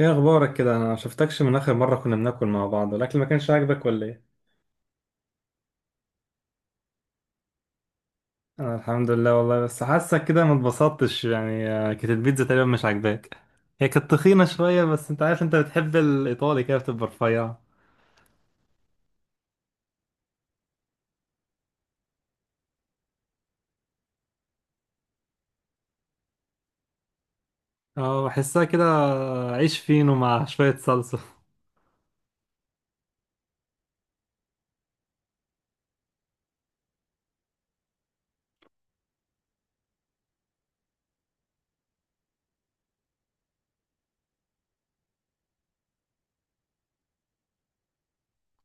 ايه اخبارك كده؟ انا ما شفتكش من اخر مره كنا بناكل مع بعض، والاكل ما كانش عاجبك ولا ايه؟ انا الحمد لله والله، بس حاسك كده ما اتبسطتش يعني. كانت البيتزا تقريبا مش عاجباك. هي كانت تخينه شويه، بس انت عارف انت بتحب الايطالي كده بتبقى رفيعه. اه، بحسها كده. عيش فينو مع شويه صلصه.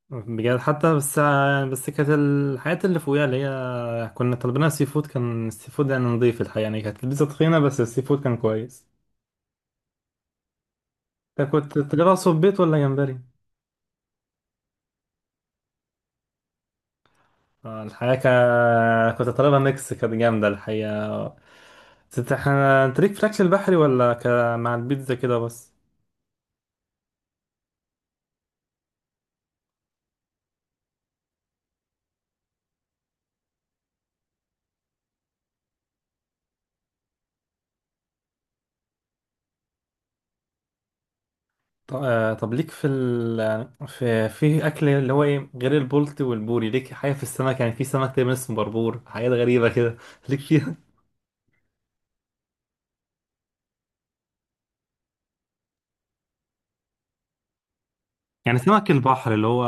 بجد حتى، بس يعني بس كانت الحاجات اللي فوقيها اللي هي كنا طالبينها سي فود، كان السي فود يعني نضيف الحقيقه، يعني كانت البيتزا تخينه بس السي فود كان كويس. انت كنت تجيبها صبيت ولا جمبري؟ الحقيقة كنت طالبها ميكس، كانت جامدة الحقيقة. بس انت ليك في الأكل البحري ولا مع البيتزا كده بس؟ طب، ليك في ال... في في أكل اللي هو ايه، غير البولتي والبوري، ليك حاجة في السمك؟ يعني في سمك تقريبا اسمه بربور، حاجات غريبة كده ليك فيها؟ يعني سمك البحر اللي هو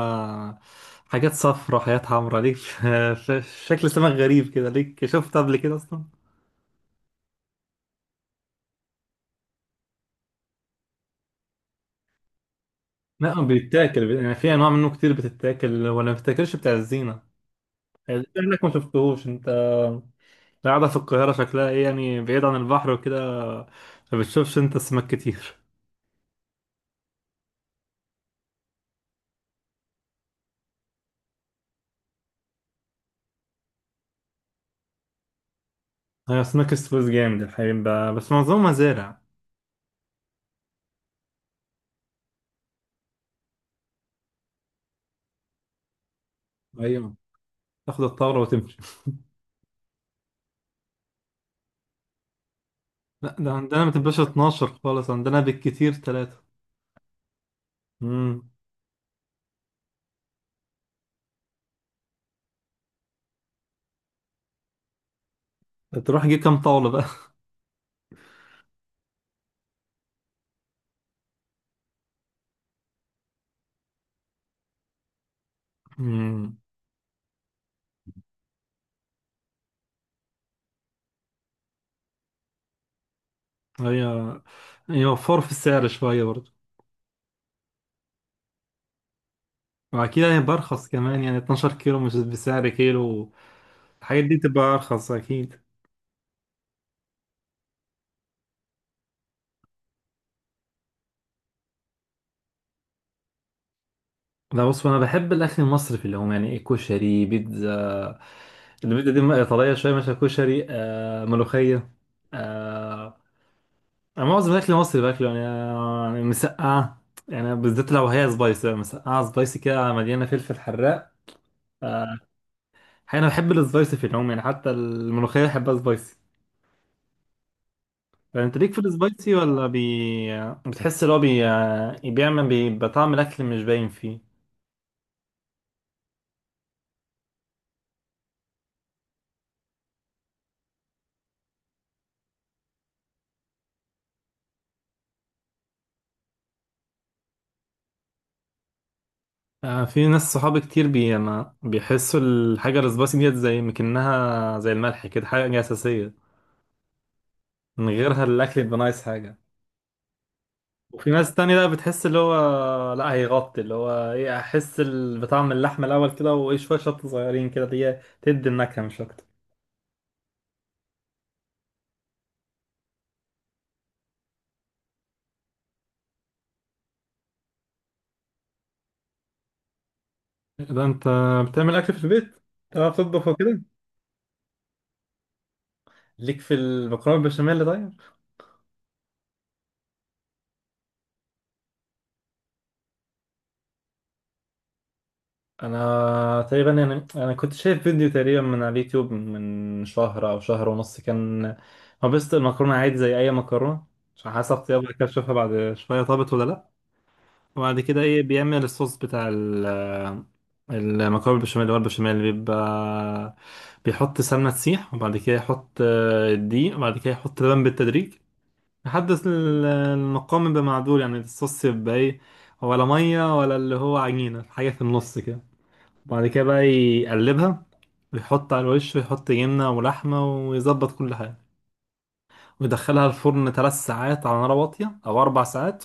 حاجات صفرا، حاجات حمرا، ليك في شكل سمك غريب كده، ليك شفت قبل كده أصلا؟ لا، بيتاكل، يعني في أنواع منه كتير بتتاكل ولا ما بتتاكلش، بتاع الزينة. انك ما شفتهوش انت قاعدة في القاهرة شكلها ايه، يعني بعيد عن البحر وكده، ما بتشوفش انت سمك كتير. هي اسماك السويس جامد الحقيقة، بس معظمها مزارع. ايوه، تاخد الطاولة وتمشي. لا، ده عندنا ما تبقاش 12 خالص، عندنا بالكتير ثلاثة. امم. تروح تجيب كام طاولة بقى؟ امم. هي يوفر في السعر شوية برضه. وأكيد هيبقى أرخص كمان، يعني 12 كيلو مش بسعر كيلو. الحاجات دي تبقى أرخص أكيد. لا، بص انا بحب الاكل المصري في العموم، يعني ايه، كشري، بيتزا. البيتزا دي ايطاليه شويه، مثلا كشري، ملوخيه. آه. انا معظم الاكل المصري باكله، يعني يعني مسقعه. يعني بالذات لو هي سبايسي، مسقعه سبايسي كده مليانه فلفل حراق. آه. حقيقة انا بحب السبايسي في العموم، يعني حتى الملوخيه بحبها سبايسي. فانت ليك في السبايسي، ولا بتحس اللي هو بيعمل بطعم الاكل مش باين فيه؟ في ناس صحابي كتير ما بيحسوا الحاجة السبايسي ديت، زي مكنها زي الملح كده، حاجة أساسية، من غيرها الأكل يبقى ناقص حاجة. وفي ناس تانية بقى بتحس اللي هو، لا هيغطي اللي هو إيه، أحس بطعم اللحمة الأول كده، وإيه شوية شطة صغيرين كده اللي هي تدي النكهة مش أكتر. إيه ده، أنت بتعمل أكل في البيت؟ بتعرف تطبخ وكده؟ ليك في المكرونة البشاميل طيب؟ انا تقريبا يعني انا كنت شايف فيديو تقريبا من على اليوتيوب من شهر او شهر ونص، كان مبسط المكرونه عادي زي اي مكرونه، عشان حسب طيابها كده اشوفها بعد شويه طابت ولا لا. وبعد كده ايه، بيعمل الصوص بتاع المكرونه بالبشاميل، اللي هو البشاميل اللي بيبقى بيحط سمنه تسيح، وبعد كده يحط الدقيق، وبعد كده يحط لبن بالتدريج لحد المقام يبقى معدول، يعني الصوص يبقى ايه، ولا ميه ولا اللي هو عجينه، حاجه في النص كده. وبعد كده بقى يقلبها ويحط على الوش، ويحط جبنة ولحمة ويظبط كل حاجة، ويدخلها الفرن ثلاث ساعات على نار واطية أو أربع ساعات،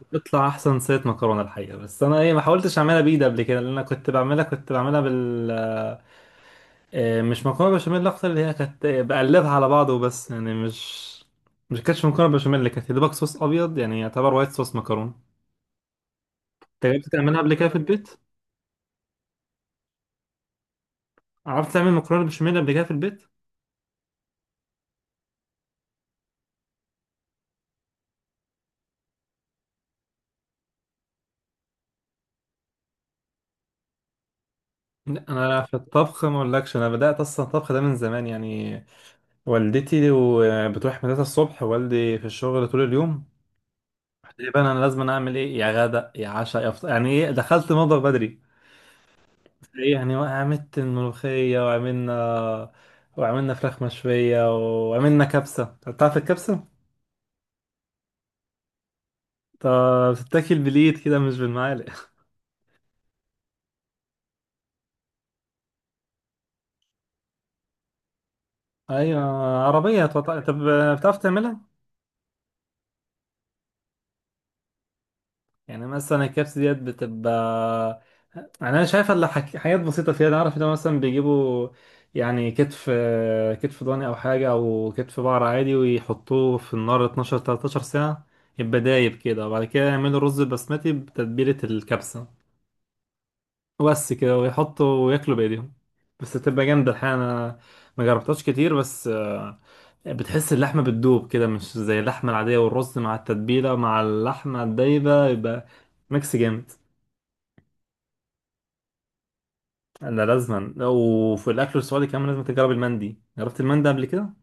وتطلع أحسن صينية مكرونة الحقيقة. بس أنا إيه ما حاولتش أعملها بإيدي قبل كده، لأن أنا كنت بعملها مش مكرونة بشاميل أكتر، اللي هي كانت بقلبها على بعض وبس، يعني مش كانتش مكرونة بشاميل، اللي كانت يا دوبك صوص أبيض يعني، يعتبر وايت صوص مكرونة. أنت جربت تعملها قبل كده في البيت؟ عرفت تعمل مكرونة بشاميل قبل كده في البيت؟ لا، انا في الطبخ ما اقولكش، انا بدات اصلا الطبخ ده من زمان يعني. والدتي بتروح مدرسه الصبح، والدي في الشغل طول اليوم، قلت لي بقى انا لازم اعمل ايه، يا غدا يا عشاء يا فطار، يعني ايه، دخلت المطبخ بدري. ايه يعني، عملت الملوخيه، وعملنا فراخ مشويه، وعملنا كبسه. تعرف الكبسه؟ طب، بتتاكل بالايد كده مش بالمعالق ايوه، عربيه. طب، طب، بتعرف تعملها؟ يعني مثلا الكبس ديت بتبقى، يعني انا شايف اللي حاجات بسيطه فيها، انا عارف ان هو مثلا بيجيبوا يعني كتف، كتف ضاني او حاجه، او كتف بقر عادي، ويحطوه في النار 12 13 ساعه، يبقى دايب كده. وبعد كده يعملوا رز بسمتي بتتبيله الكبسه، وبس كده، ويحطوا وياكلوا بايديهم. بس تبقى جامده الحقيقه، انا ما جربتهاش كتير بس بتحس اللحمه بتدوب كده، مش زي اللحمه العاديه، والرز مع التتبيله مع اللحمه الدايبه يبقى ميكس جامد. ده لازما. وفي الاكل السعودي كمان لازم تجرب المندي، جربت المندي قبل كده؟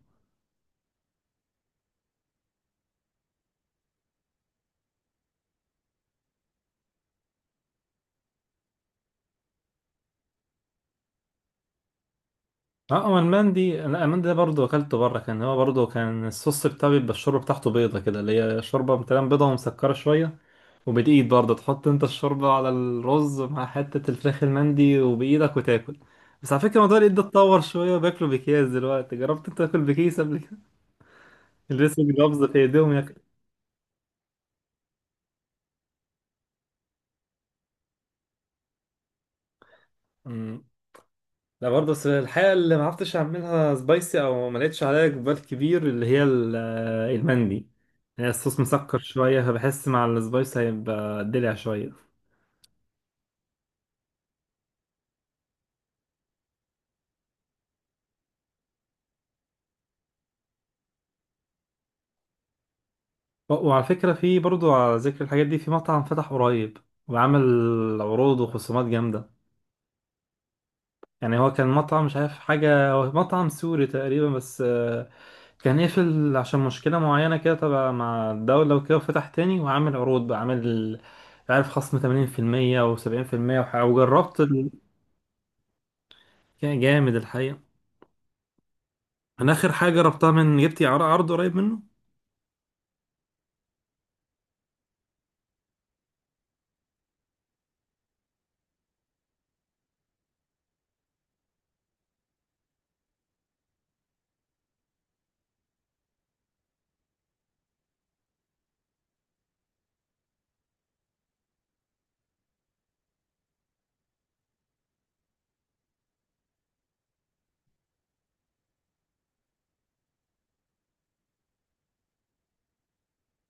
اه، هو المندي، لا المندي ده برضه اكلته بره، كان هو برضه كان الصوص بتاعه بيبقى الشوربه بتاعته بيضه كده، اللي هي شوربه مثلا بيضه ومسكره شويه، وبالايد برضه تحط انت الشوربه على الرز مع حته الفراخ المندي وبايدك وتاكل. بس على فكره، موضوع الايد ده اتطور شويه وبياكلوا بكيس دلوقتي، جربت انت تاكل بكيس قبل كده؟ اللي لسه جلوفز في ايديهم ياكل. لا برضه، بس الحقيقة اللي ما عرفتش اعملها سبايسي او ما لقيتش عليها اقبال كبير، اللي هي المندي، هي الصوص مسكر شوية، بحس مع السبايسي هيبقى دلع شوية. و- وعلى فكرة، في برضه على ذكر الحاجات دي، في مطعم فتح قريب وعمل عروض وخصومات جامدة. يعني هو كان مطعم، مش عارف حاجة، هو مطعم سوري تقريبا بس كان قفل عشان مشكلة معينة كده تبع مع الدولة وكده، وفتح تاني وعامل عروض بقى، عامل عارف خصم 80% أو 70%. وجربت كان جامد الحقيقة. أنا آخر حاجة جربتها من جبتي، عرض قريب منه،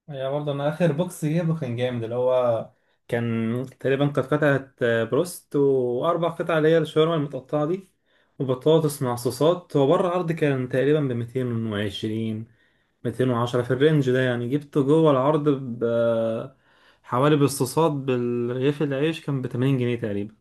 يا برضه. انا اخر بوكس جيبه كان جامد، اللي هو كان تقريبا، كانت قطعة بروست واربع قطع اللي هي الشاورما المتقطعة دي، وبطاطس مع صوصات. هو بره العرض كان تقريبا ب 220، 210 في الرينج ده، يعني جبته جوه العرض ب حوالي، بالصوصات بالرغيف، العيش كان ب 80 جنيه تقريبا.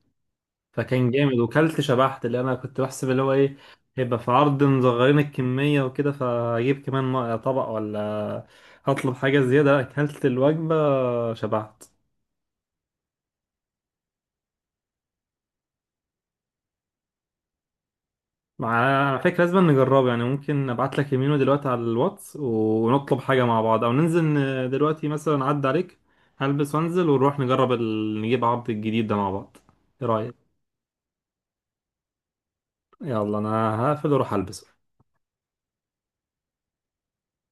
فكان جامد وكلت شبعت، اللي انا كنت بحسب اللي هو ايه، هيبقى في عرض مصغرين الكمية وكده فاجيب كمان طبق، ولا هطلب حاجة زيادة. لا، اكلت الوجبة شبعت. مع، على فكرة لازم نجربه، يعني ممكن ابعت لك يمينه دلوقتي على الواتس ونطلب حاجة مع بعض، او ننزل دلوقتي مثلا عدى عليك هلبس وانزل ونروح نجرب نجيب عرض الجديد ده مع بعض. ايه رأيك؟ يلا، انا هقفل واروح البس.